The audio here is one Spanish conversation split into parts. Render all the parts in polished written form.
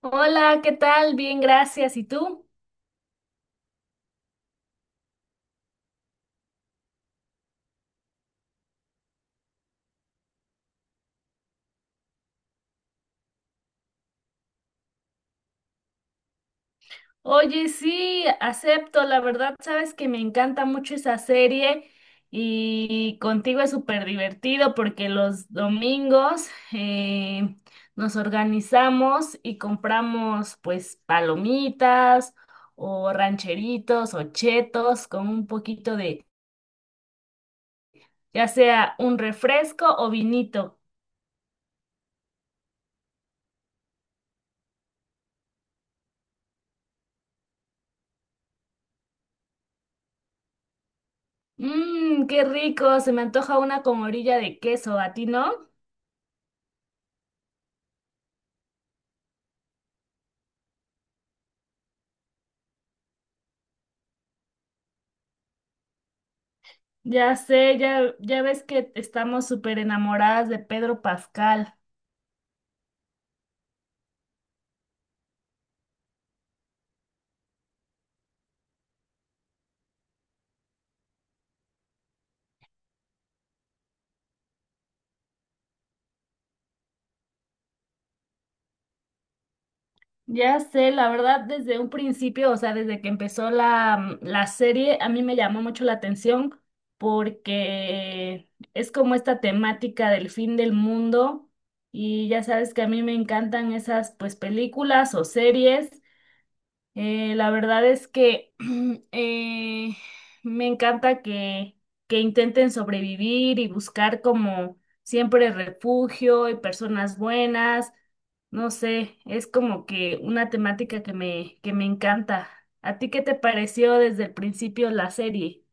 Hola, ¿qué tal? Bien, gracias. ¿Y tú? Oye, sí, acepto. La verdad, sabes que me encanta mucho esa serie y contigo es súper divertido porque los domingos nos organizamos y compramos pues palomitas o rancheritos o chetos con un poquito de, ya sea un refresco o vinito. Mmm, qué rico. Se me antoja una con orilla de queso. ¿A ti no? Ya sé, ya ves que estamos súper enamoradas de Pedro Pascal. Ya sé, la verdad, desde un principio, o sea, desde que empezó la serie, a mí me llamó mucho la atención porque es como esta temática del fin del mundo y ya sabes que a mí me encantan esas pues películas o series. La verdad es que eh, me encanta que intenten sobrevivir y buscar como siempre refugio y personas buenas. No sé, es como que una temática que me encanta. ¿A ti qué te pareció desde el principio la serie?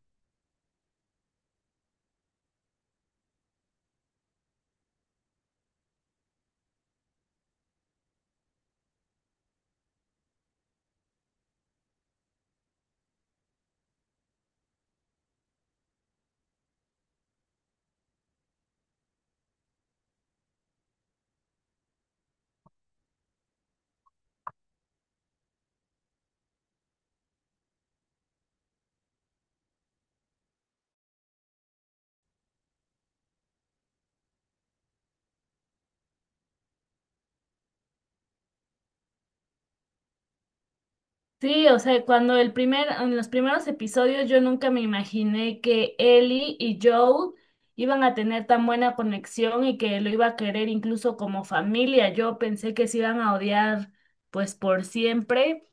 Sí, o sea, en los primeros episodios yo nunca me imaginé que Ellie y Joel iban a tener tan buena conexión y que lo iba a querer incluso como familia. Yo pensé que se iban a odiar pues por siempre,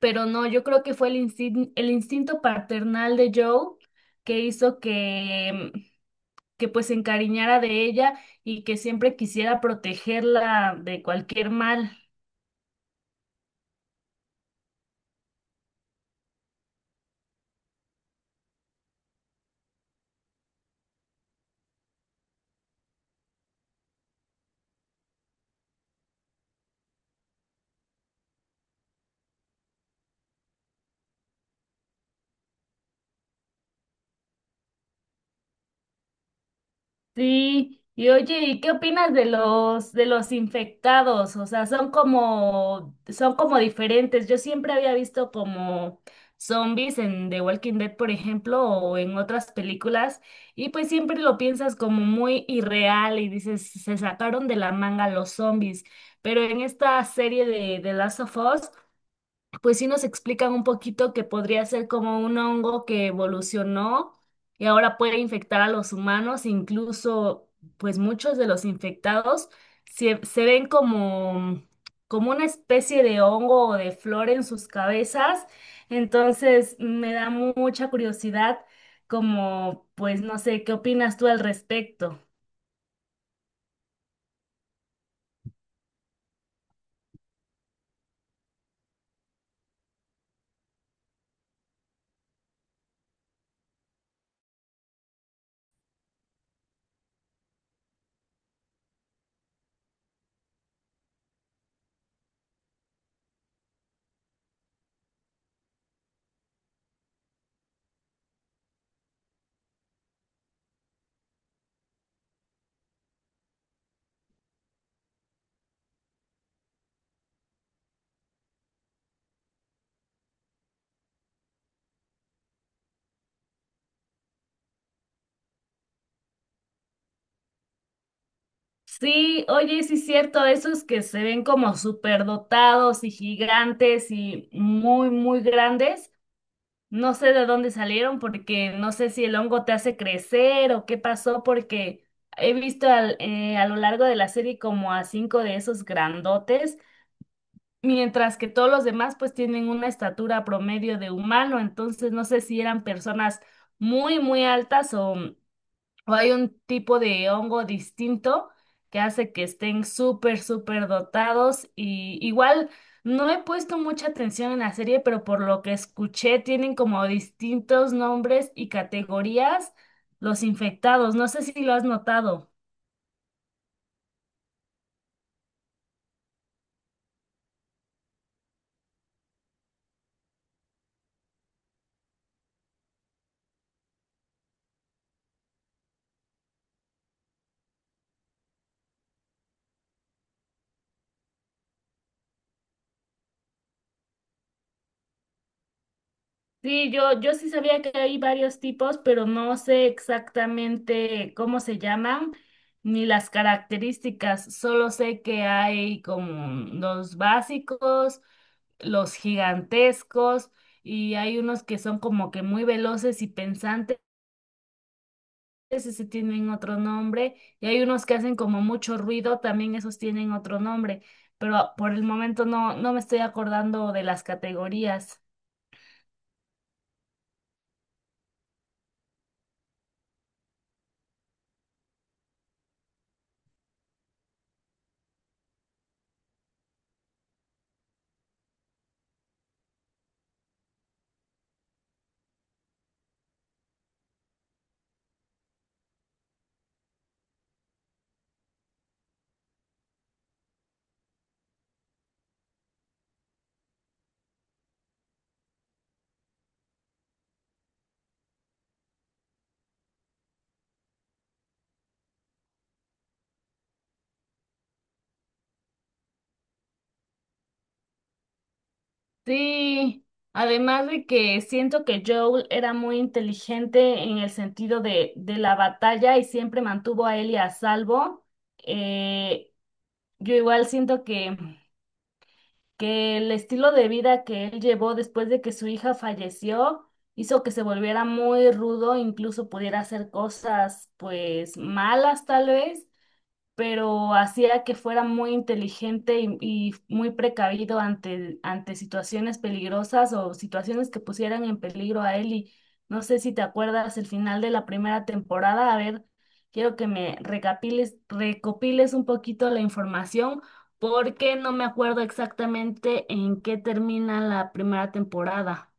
pero no, yo creo que fue el instinto paternal de Joel que hizo que pues se encariñara de ella y que siempre quisiera protegerla de cualquier mal. Sí, y oye, ¿y qué opinas de los infectados? O sea, son como diferentes. Yo siempre había visto como zombies en The Walking Dead, por ejemplo, o en otras películas, y pues siempre lo piensas como muy irreal y dices, se sacaron de la manga los zombies. Pero en esta serie de The Last of Us pues sí nos explican un poquito que podría ser como un hongo que evolucionó y ahora puede infectar a los humanos, incluso pues muchos de los infectados se ven como una especie de hongo o de flor en sus cabezas, entonces me da mucha curiosidad como pues no sé, ¿qué opinas tú al respecto? Sí, oye, sí es cierto, esos que se ven como superdotados y gigantes y muy, muy grandes, no sé de dónde salieron porque no sé si el hongo te hace crecer o qué pasó porque he visto a lo largo de la serie como a cinco de esos grandotes, mientras que todos los demás pues tienen una estatura promedio de humano, entonces no sé si eran personas muy, muy altas o hay un tipo de hongo distinto que hace que estén súper, súper dotados y igual no he puesto mucha atención en la serie, pero por lo que escuché tienen como distintos nombres y categorías los infectados. No sé si lo has notado. Sí, yo sí sabía que hay varios tipos, pero no sé exactamente cómo se llaman ni las características. Solo sé que hay como los básicos, los gigantescos y hay unos que son como que muy veloces y pensantes, ese tienen otro nombre, y hay unos que hacen como mucho ruido, también esos tienen otro nombre, pero por el momento no me estoy acordando de las categorías. Sí, además de que siento que Joel era muy inteligente en el sentido de la batalla y siempre mantuvo a Ellie a salvo. Eh, yo igual siento que el estilo de vida que él llevó después de que su hija falleció hizo que se volviera muy rudo, incluso pudiera hacer cosas pues malas tal vez, pero hacía que fuera muy inteligente y muy precavido ante situaciones peligrosas o situaciones que pusieran en peligro a él. Y no sé si te acuerdas el final de la primera temporada. A ver, quiero que me recopiles un poquito la información porque no me acuerdo exactamente en qué termina la primera temporada.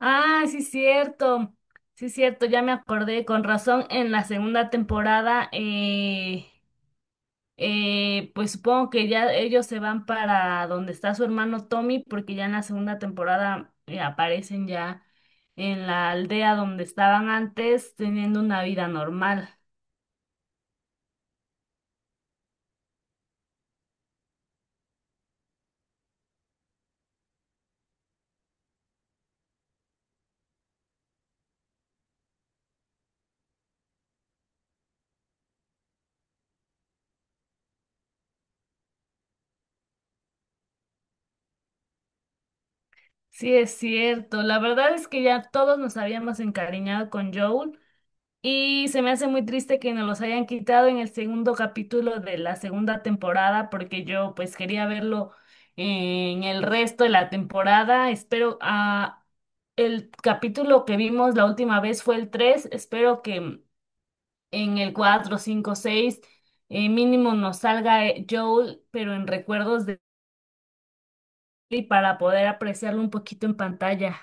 Ah, sí, cierto. Sí, cierto, ya me acordé, con razón, en la segunda temporada pues supongo que ya ellos se van para donde está su hermano Tommy, porque ya en la segunda temporada aparecen ya en la aldea donde estaban antes, teniendo una vida normal. Sí, es cierto. La verdad es que ya todos nos habíamos encariñado con Joel, y se me hace muy triste que nos los hayan quitado en el segundo capítulo de la segunda temporada, porque yo pues quería verlo en el resto de la temporada. Espero, a el capítulo que vimos la última vez fue el 3. Espero que en el 4, 5, 6 mínimo nos salga Joel, pero en recuerdos de y para poder apreciarlo un poquito en pantalla.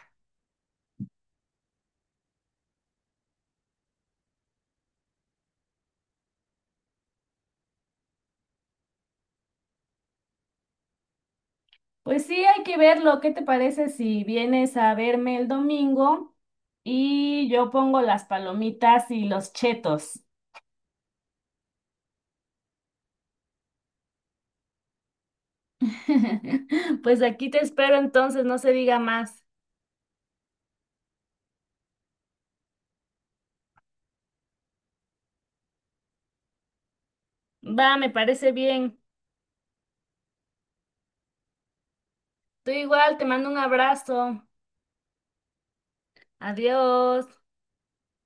Pues sí, hay que verlo. ¿Qué te parece si vienes a verme el domingo y yo pongo las palomitas y los chetos? Pues aquí te espero entonces, no se diga más. Va, me parece bien. Tú igual, te mando un abrazo. Adiós.